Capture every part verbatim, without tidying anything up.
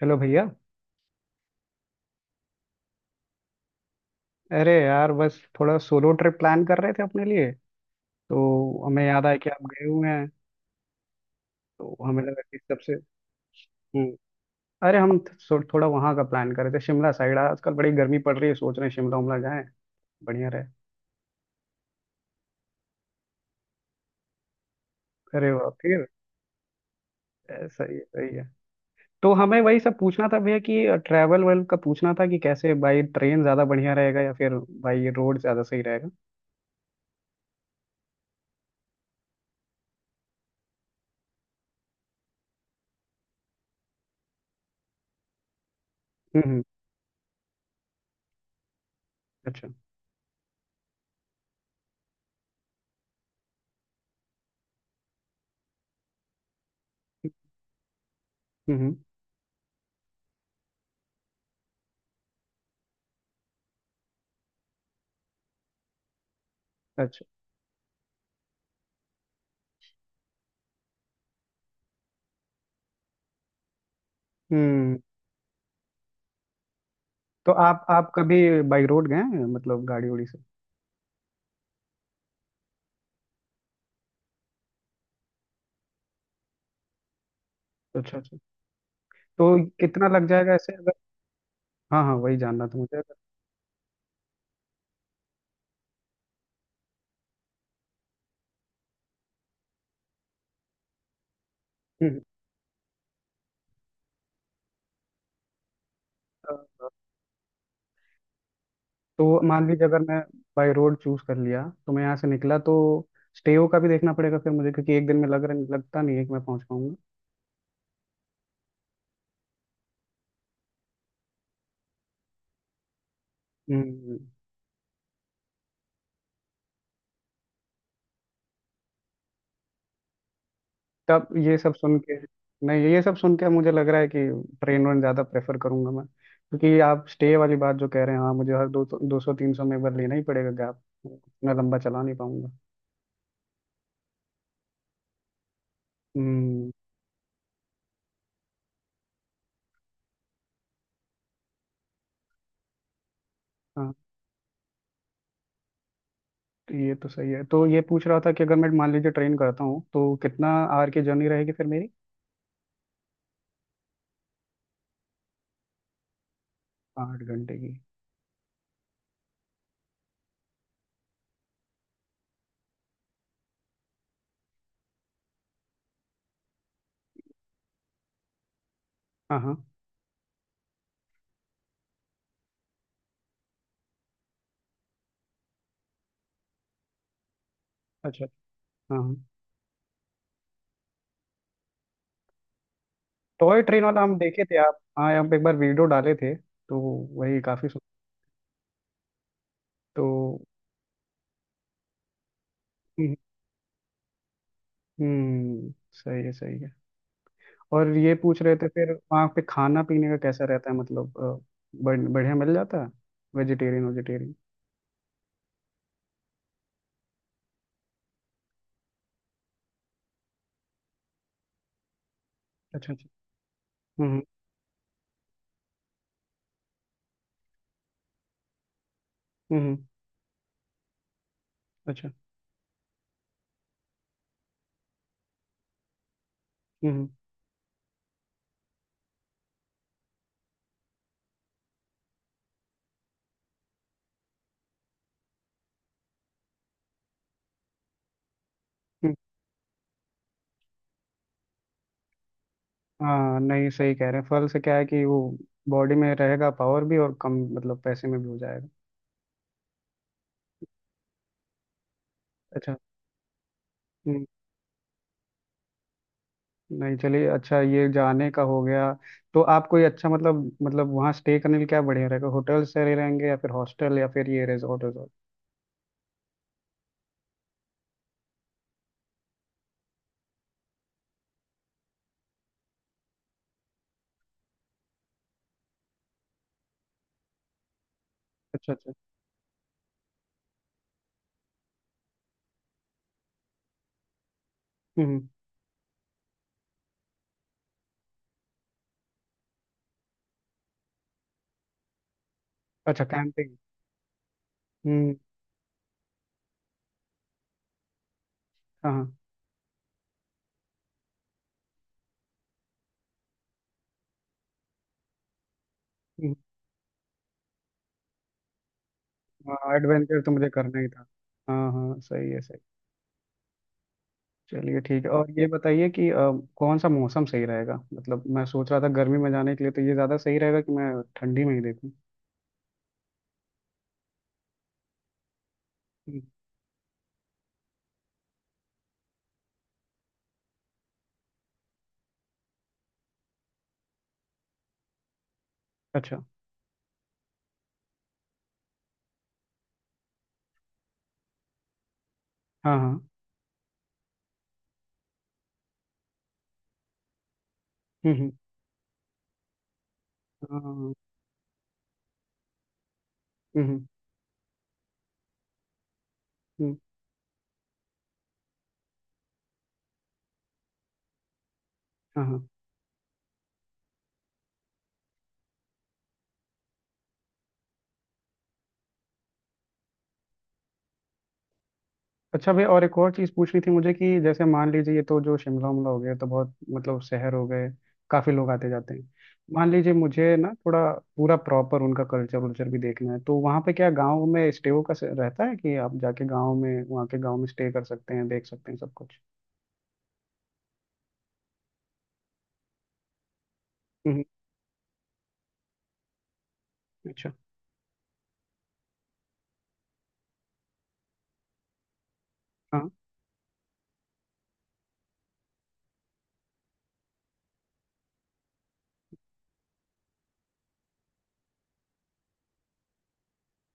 चलो भैया। अरे यार, बस थोड़ा सोलो ट्रिप प्लान कर रहे थे अपने लिए, तो हमें याद आया कि आप गए हुए हैं। तो हमें लगा कि सबसे... हम्म। अरे, हम थो- थोड़ा वहाँ का प्लान कर रहे थे, शिमला साइड। आजकल बड़ी गर्मी पड़ रही है, सोच रहे हैं शिमला उमला जाएं, बढ़िया रहे। अरे वाह, फिर ए, सही है सही है। तो हमें वही सब पूछना था भैया कि ट्रैवल वेल का पूछना था कि कैसे बाई ट्रेन ज़्यादा बढ़िया रहेगा या फिर बाई रोड ज़्यादा सही रहेगा। हम्म हम्म, अच्छा। हम्म हम्म, अच्छा। हम्म। तो आप आप कभी बाई रोड गए हैं, मतलब गाड़ी उड़ी से? अच्छा अच्छा। तो कितना लग जाएगा ऐसे अगर... हाँ हाँ, वही जानना था मुझे अगर... हम्म, अ, तो मान लीजिए अगर मैं बाई रोड चूज कर लिया तो मैं यहाँ से निकला तो स्टेओ का भी देखना पड़ेगा फिर मुझे, क्योंकि एक दिन में लग रहा लगता नहीं है कि मैं पहुँच पाऊंगा। हम्म। तब ये सब सुन के... नहीं, ये सब सुन के मुझे लग रहा है कि ट्रेन वन ज़्यादा प्रेफर करूंगा मैं, क्योंकि आप स्टे वाली बात जो कह रहे हैं, हाँ मुझे हर दो दो सौ तीन सौ में एक बार लेना ही पड़ेगा गैप, इतना लंबा चला नहीं पाऊंगा। हम्म। हाँ। तो ये तो सही है। तो ये पूछ रहा था कि अगर मैं मान लीजिए ट्रेन करता हूँ तो कितना आर की जर्नी रहेगी फिर मेरी? आठ घंटे की? हाँ हाँ। अच्छा। हाँ हाँ। टॉय ट्रेन वाला हम देखे थे आप, हाँ हम एक बार वीडियो डाले थे। तो वही काफी सु- तो... हम्म हम्म, सही है सही है। और ये पूछ रहे थे फिर वहाँ पे खाना पीने का कैसा रहता है, मतलब अ, बढ़- बढ़िया मिल जाता है? Vegetarian vegetarian? अच्छा अच्छा। हम्म हम्म। हम्म, अच्छा। हम्म हम्म। हाँ, नहीं सही कह रहे हैं। फल से क्या है कि वो बॉडी में रहेगा पावर भी और कम मतलब पैसे में भी हो जाएगा। अच्छा। हम्म, नहीं चलिए, अच्छा ये जाने का हो गया। तो आप कोई अच्छा मतलब मतलब वहाँ स्टे करने के लिए क्या बढ़िया रहेगा, होटल से रह रहेंगे या फिर हॉस्टल या फिर ये रिजॉर्ट रिजॉर्ट? अच्छा अच्छा। हम्म हम्म, अच्छा कैंपिंग। हम्म हाँ। हाँ एडवेंचर तो मुझे करना ही था। हाँ हाँ सही है सही। चलिए ठीक है। और ये बताइए कि अ, कौन सा मौसम सही रहेगा, मतलब मैं सोच रहा था गर्मी में जाने के लिए तो ये ज़्यादा सही रहेगा कि मैं ठंडी में ही देखूँ? हम्म, अच्छा। हाँ हाँ। हम्म हम्म। हाँ, हम्म। हम्म, हम्म, हाँ हाँ। अच्छा भैया, और एक और चीज़ पूछनी थी मुझे कि जैसे मान लीजिए ये तो जो शिमला उमला हो गया तो बहुत मतलब शहर हो गए, काफ़ी लोग आते जाते हैं। मान लीजिए मुझे ना थोड़ा पूरा प्रॉपर उनका कल्चर वल्चर भी देखना है, तो वहाँ पे क्या गाँव में स्टे का स- रहता है कि आप जाके गाँव में, वहाँ के गाँव में स्टे कर सकते हैं, देख सकते हैं सब कुछ? हम्म, अच्छा। हाँ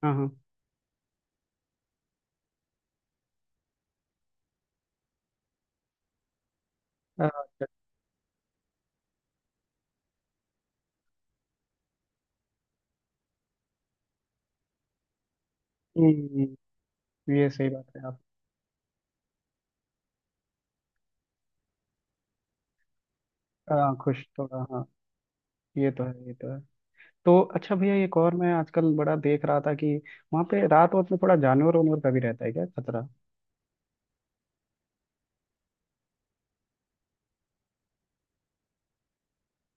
हाँ हाँ। अ, अच्छा, हम्म, ये सही बात है आप। अ, खुश थोड़ा, हाँ। ये तो है ये तो है। तो अच्छा भैया, एक और मैं आजकल बड़ा देख रहा था कि वहाँ पे रात वक्त में थोड़ा जानवर वानवर का भी रहता है क्या खतरा?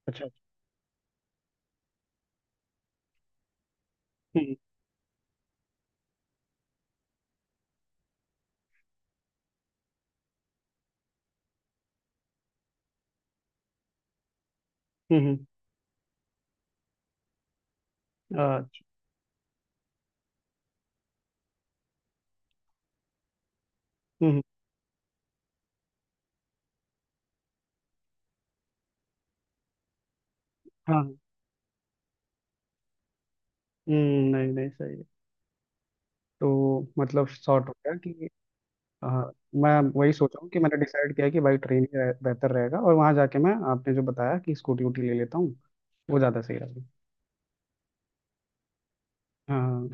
अच्छा अच्छा। हम्म हम्म। हम्म, अच्छा। हम्म। हाँ हाँ, हम्म, नहीं नहीं सही है। तो मतलब शॉर्ट हो गया कि हाँ, मैं वही सोचा हूँ कि मैंने डिसाइड किया है कि भाई ट्रेन ही रह, बेहतर रहेगा, और वहाँ जाके मैं आपने जो बताया कि स्कूटी वूटी ले लेता हूँ, वो ज़्यादा सही रहेगा। हाँ हाँ।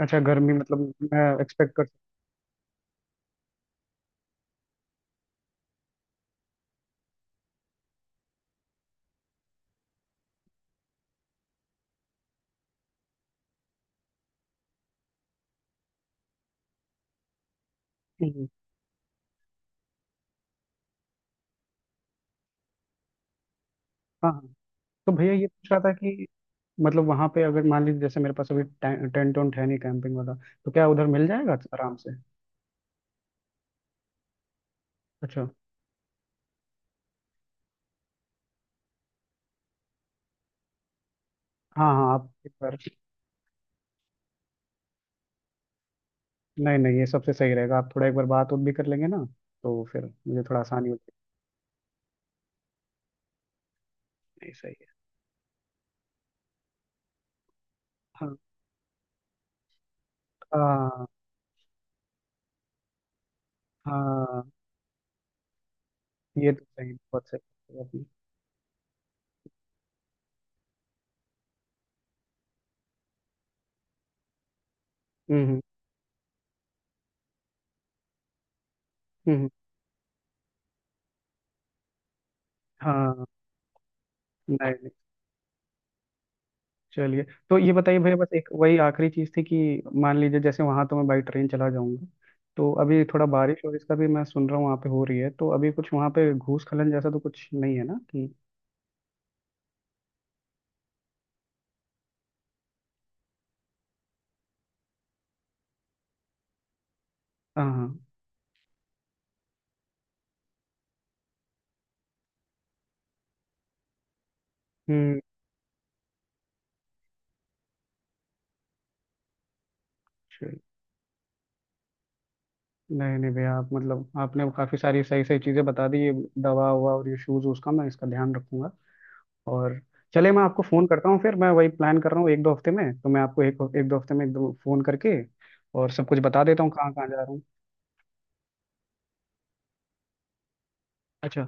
अच्छा गर्मी मतलब, मैं एक्सपेक्ट कर सकती हूँ? हाँ हाँ। तो भैया ये पूछ रहा था कि मतलब वहाँ पे अगर मान लीजिए जैसे मेरे पास अभी टे- टेंट वेंट है नहीं कैंपिंग वाला, तो क्या उधर मिल जाएगा आराम से? अच्छा। हाँ हाँ, आप एक बार... नहीं नहीं ये सबसे सही रहेगा, आप थोड़ा एक बार बात उत भी कर लेंगे ना, तो फिर मुझे थोड़ा आसानी हो जाएगी। नहीं सही है। हाँ। हाँ। हाँ ये तो सही बहुत सही कहा आपने। हम्म हम्म। हम्म, हाँ, नहीं चलिए। तो ये बताइए भैया, बस एक वही आखिरी चीज़ थी कि मान लीजिए जैसे वहाँ तो मैं बाई ट्रेन चला जाऊंगा, तो अभी थोड़ा बारिश और इसका भी मैं सुन रहा हूँ वहाँ पे हो रही है, तो अभी कुछ वहाँ पे घूस खलन जैसा तो कुछ नहीं है ना कि? हाँ हाँ। हम्म। चलिए। नहीं नहीं भैया, आप मतलब आपने काफ़ी सारी सही सही चीज़ें बता दी, ये दवा हुआ और ये शूज़, उसका मैं इसका ध्यान रखूंगा। और चलिए, मैं आपको फ़ोन करता हूँ फिर, मैं वही प्लान कर रहा हूँ एक दो हफ्ते में, तो मैं आपको एक एक दो हफ्ते में एक दो फ़ोन करके और सब कुछ बता देता हूँ कहाँ कहाँ जा रहा हूँ। अच्छा।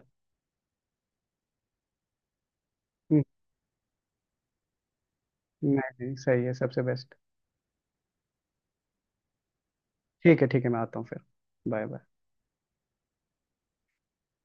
नहीं नहीं सही है, सबसे बेस्ट। ठीक है ठीक है, मैं आता हूँ फिर। Bye bye.